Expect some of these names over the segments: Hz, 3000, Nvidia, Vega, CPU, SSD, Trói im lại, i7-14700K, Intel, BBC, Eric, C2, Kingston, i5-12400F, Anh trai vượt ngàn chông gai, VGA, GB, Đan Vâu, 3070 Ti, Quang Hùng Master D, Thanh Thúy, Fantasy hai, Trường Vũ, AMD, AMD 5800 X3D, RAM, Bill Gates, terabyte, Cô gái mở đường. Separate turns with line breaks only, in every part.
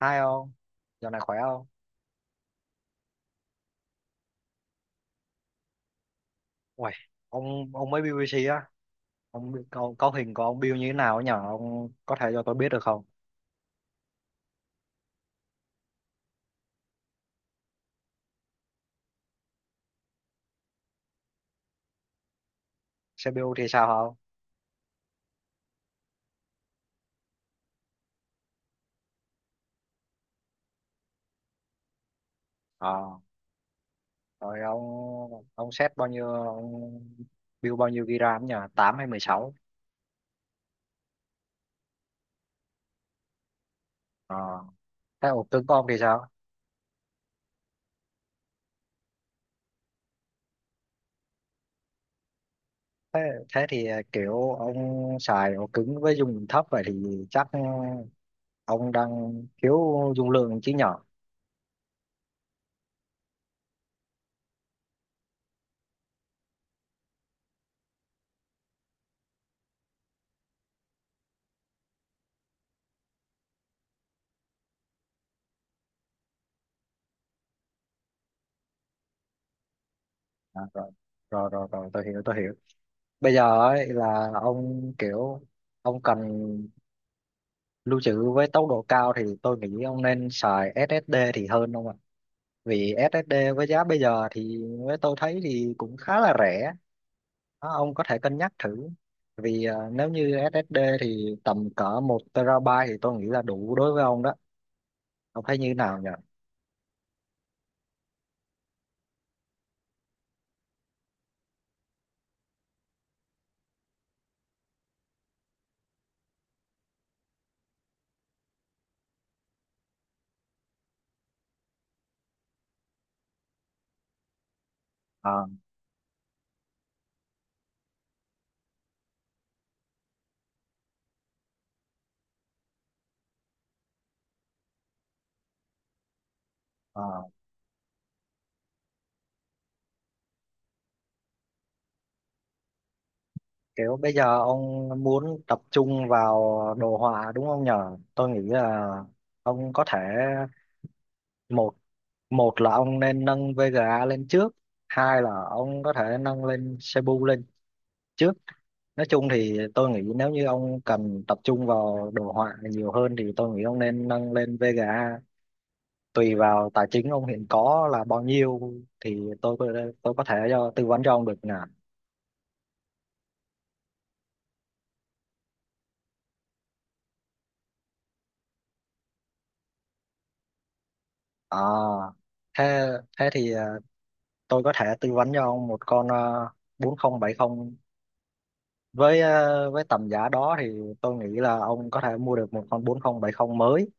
Hai ông, dạo này khỏe không? Uầy, ông mới BBC á, ông có hình của ông Bill như thế nào nhỉ? Ông có thể cho tôi biết được không? CPU thì sao không? Ờ, rồi ông set bao nhiêu ông build bao nhiêu GB RAM nhỉ? 8 hay 16? Ờ, thế ổ cứng của ông thì sao? Thế, thế thì à, kiểu ông xài ổ cứng với dung lượng thấp vậy thì chắc ông đang thiếu dung lượng chứ nhỉ? À, rồi, rồi, rồi, rồi, tôi hiểu, tôi hiểu. Bây giờ ấy là ông kiểu ông cần lưu trữ với tốc độ cao thì tôi nghĩ ông nên xài SSD thì hơn ông ạ, vì SSD với giá bây giờ thì với tôi thấy thì cũng khá là rẻ đó, ông có thể cân nhắc thử, vì à, nếu như SSD thì tầm cỡ 1 TB thì tôi nghĩ là đủ đối với ông đó. Ông thấy như nào nhỉ? À, à, kiểu bây giờ ông muốn tập trung vào đồ họa đúng không nhờ, tôi nghĩ là ông có thể một một là ông nên nâng Vega lên trước, hai là ông có thể nâng lên Cebu lên trước. Nói chung thì tôi nghĩ nếu như ông cần tập trung vào đồ họa nhiều hơn thì tôi nghĩ ông nên nâng lên Vega, tùy vào tài chính ông hiện có là bao nhiêu thì tôi có thể cho tư vấn cho ông được nè. À, thế thế thì à, tôi có thể tư vấn cho ông một con à, 4070, với ờ, với tầm giá đó thì tôi nghĩ là ông có thể mua được một con 4070 mới,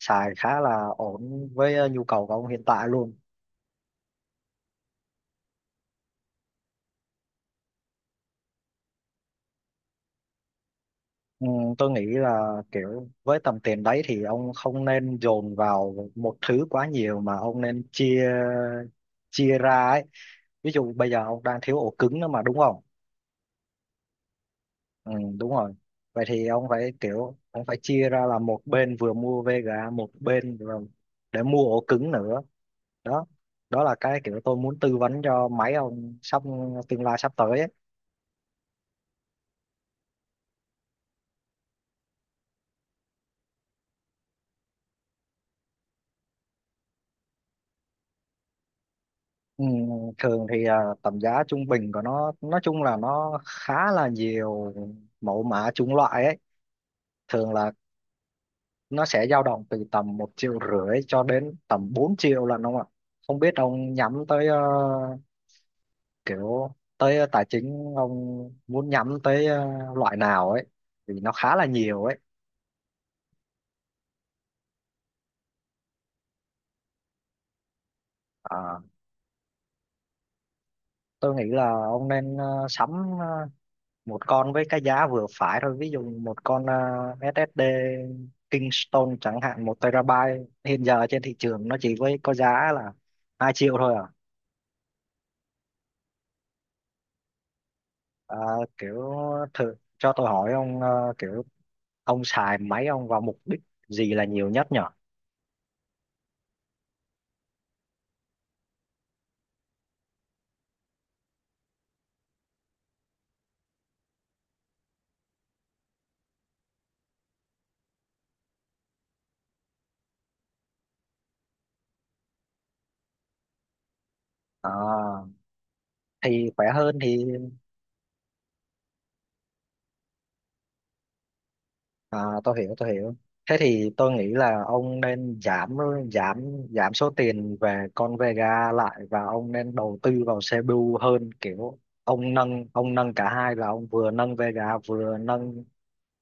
xài khá là ổn với ờ, nhu cầu của ông hiện tại luôn. Ừ, tôi nghĩ là kiểu với tầm tiền đấy thì ông không nên dồn vào một thứ quá nhiều mà ông nên chia chia ra ấy. Ví dụ bây giờ ông đang thiếu ổ cứng nữa mà đúng không? Ừ, đúng rồi. Vậy thì ông phải kiểu ông phải chia ra là một bên vừa mua VGA, một bên vừa để mua ổ cứng nữa đó. Đó là cái kiểu tôi muốn tư vấn cho mấy ông sắp tương lai sắp tới ấy. Ừ, thường thì à, tầm giá trung bình của nó nói chung là nó khá là nhiều mẫu mã chủng loại ấy, thường là nó sẽ dao động từ tầm 1,5 triệu cho đến tầm 4 triệu lần ông ạ. Không biết ông nhắm tới ờ, kiểu tới tài chính ông muốn nhắm tới ờ, loại nào ấy, vì nó khá là nhiều ấy. Ờ, tôi nghĩ là ông nên sắm ờ, một con với cái giá vừa phải thôi, ví dụ một con SSD Kingston chẳng hạn, 1 TB hiện giờ trên thị trường nó chỉ với có giá là 2 triệu thôi à. Ờ, kiểu thử cho tôi hỏi ông ờ, kiểu ông xài máy ông vào mục đích gì là nhiều nhất nhở? Ờ, thì khỏe hơn thì À, tôi hiểu tôi hiểu. Thế thì tôi nghĩ là ông nên giảm giảm giảm số tiền về con Vega lại, và ông nên đầu tư vào CPU hơn, kiểu ông nâng cả hai là ông vừa nâng Vega vừa nâng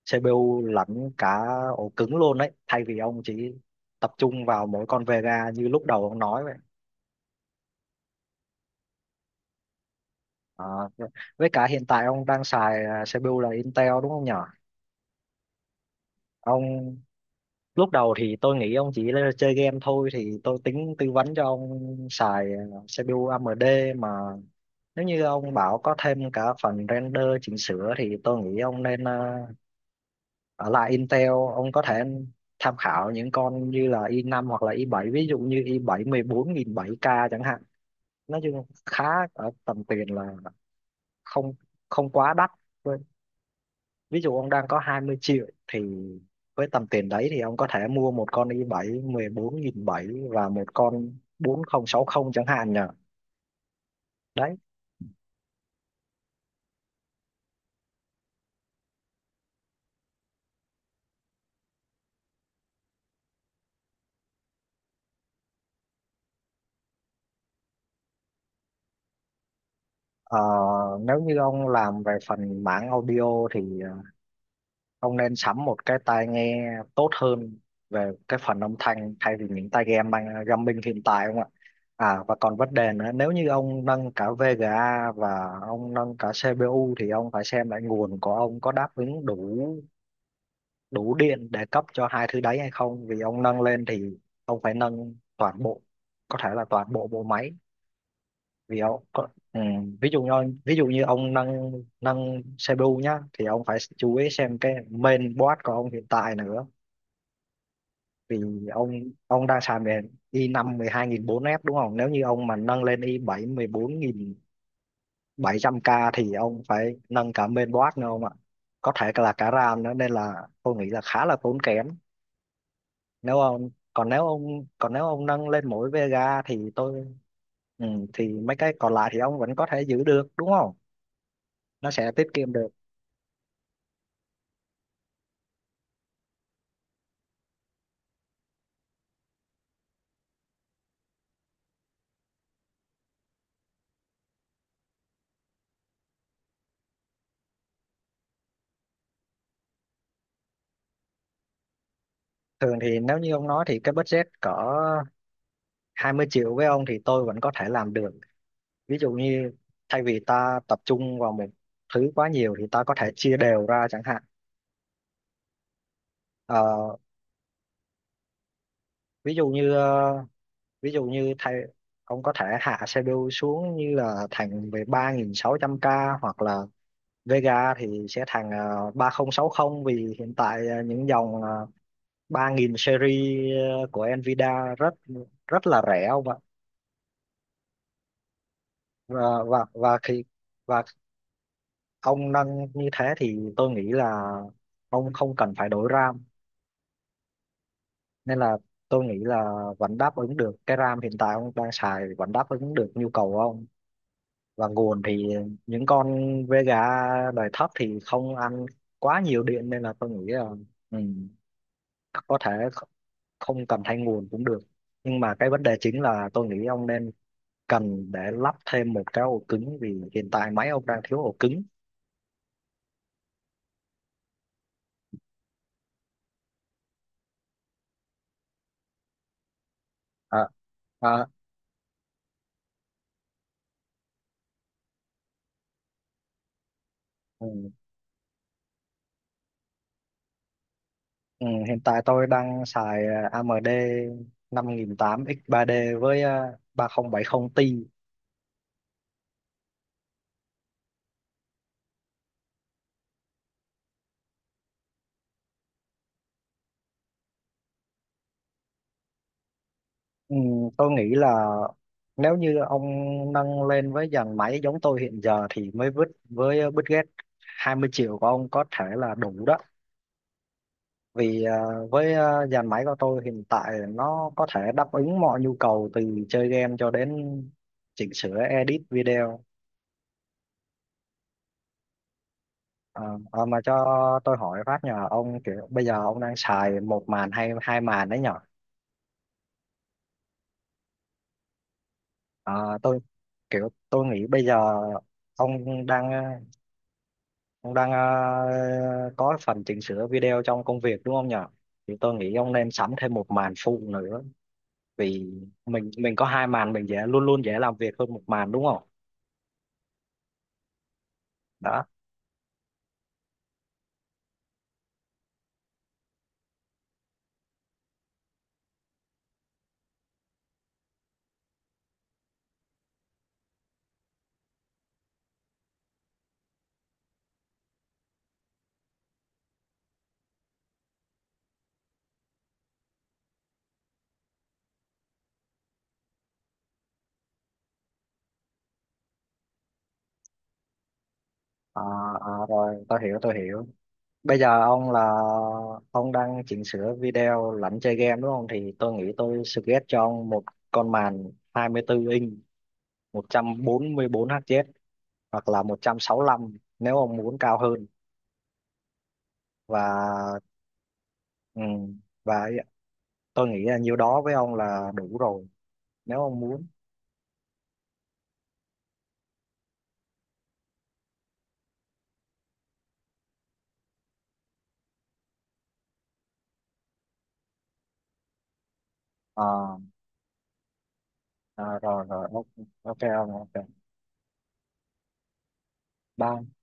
CPU lẫn cả ổ cứng luôn đấy, thay vì ông chỉ tập trung vào mỗi con Vega như lúc đầu ông nói vậy. À, với cả hiện tại ông đang xài à, CPU là Intel đúng không nhỉ? Ông lúc đầu thì tôi nghĩ ông chỉ là chơi game thôi thì tôi tính tư vấn cho ông xài ờ, CPU AMD, mà nếu như ông bảo có thêm cả phần render chỉnh sửa thì tôi nghĩ ông nên ở lại Intel. Ông có thể tham khảo những con như là i5 hoặc là i7, ví dụ như i7-14700K chẳng hạn. Nói chung khá ở tầm tiền là không không quá đắt. Ví dụ ông đang có 20 triệu thì với tầm tiền đấy thì ông có thể mua một con i7-14700 và một con 4060 chẳng hạn nhỉ, đấy. Ờ, nếu như ông làm về phần mảng audio thì ông nên sắm một cái tai nghe tốt hơn về cái phần âm thanh, thay vì những tai game mang gaming hiện tại không ạ. À, và còn vấn đề nữa, nếu như ông nâng cả VGA và ông nâng cả CPU thì ông phải xem lại nguồn của ông có đáp ứng đủ đủ điện để cấp cho hai thứ đấy hay không, vì ông nâng lên thì ông phải nâng toàn bộ, có thể là toàn bộ bộ máy, vì ông có, ừ, ví dụ như ví dụ như ông nâng nâng CPU nhá thì ông phải chú ý xem cái main board của ông hiện tại nữa. Vì ông ông đang xài về i5-12400F đúng không, nếu như ông mà nâng lên i7-14700K thì ông phải nâng cả main board nữa ông ạ, có thể là cả RAM nữa, nên là tôi nghĩ là khá là tốn kém. Nếu ông nâng lên mỗi Vega thì tôi ừ, thì mấy cái còn lại thì ông vẫn có thể giữ được đúng không, nó sẽ tiết kiệm được. Thường thì nếu như ông nói thì cái budget cỡ 20 triệu với ông thì tôi vẫn có thể làm được. Ví dụ như thay vì ta tập trung vào một thứ quá nhiều thì ta có thể chia đều ra chẳng hạn. Ờ, ví dụ như thay ông có thể hạ CPU xuống như là thành về 3600K, hoặc là Vega thì sẽ thành ờ, 3060, vì hiện tại ờ, những dòng ờ, 3000 series ờ, của Nvidia rất rất là rẻ ông ạ. Và và và khi và ông nâng như thế thì tôi nghĩ là ông không cần phải đổi RAM, nên là tôi nghĩ là vẫn đáp ứng được, cái RAM hiện tại ông đang xài vẫn đáp ứng được nhu cầu của ông. Và nguồn thì những con với gà đời thấp thì không ăn quá nhiều điện, nên là tôi nghĩ là ừ, có thể không cần thay nguồn cũng được. Nhưng mà cái vấn đề chính là tôi nghĩ ông nên cần để lắp thêm một cái ổ cứng vì hiện tại máy ông đang thiếu ổ cứng. À, à, ừ, ừ, hiện tại tôi đang xài ờ, AMD 5800 X3D với ờ, 3070 Ti. Ừ, tôi nghĩ là nếu như ông nâng lên với dàn máy giống tôi hiện giờ thì mới vứt với Bill Gates, 20 triệu của ông có thể là đủ đó. Vì ờ, với ờ, dàn máy của tôi hiện tại nó có thể đáp ứng mọi nhu cầu từ chơi game cho đến chỉnh sửa edit video. Ờ, ờ, mà cho tôi hỏi phát nhờ ông, kiểu bây giờ ông đang xài một màn hay hai màn đấy nhở? Ờ, kiểu tôi nghĩ bây giờ ông đang Ông đang ờ, có phần chỉnh sửa video trong công việc đúng không nhỉ? Thì tôi nghĩ ông nên sắm thêm một màn phụ nữa, vì mình có hai màn, mình dễ luôn luôn dễ làm việc hơn một màn đúng không? Đó. À, à, rồi tôi hiểu tôi hiểu. Bây giờ ông đang chỉnh sửa video lẫn chơi game đúng không? Thì tôi nghĩ tôi suggest cho ông một con màn 24 inch, 144 Hz hoặc là 165 nếu ông muốn cao hơn. Và ừ, và tôi nghĩ là nhiêu đó với ông là đủ rồi nếu ông muốn. Ờ, ờ, rồi rồi ok ok ông ok bye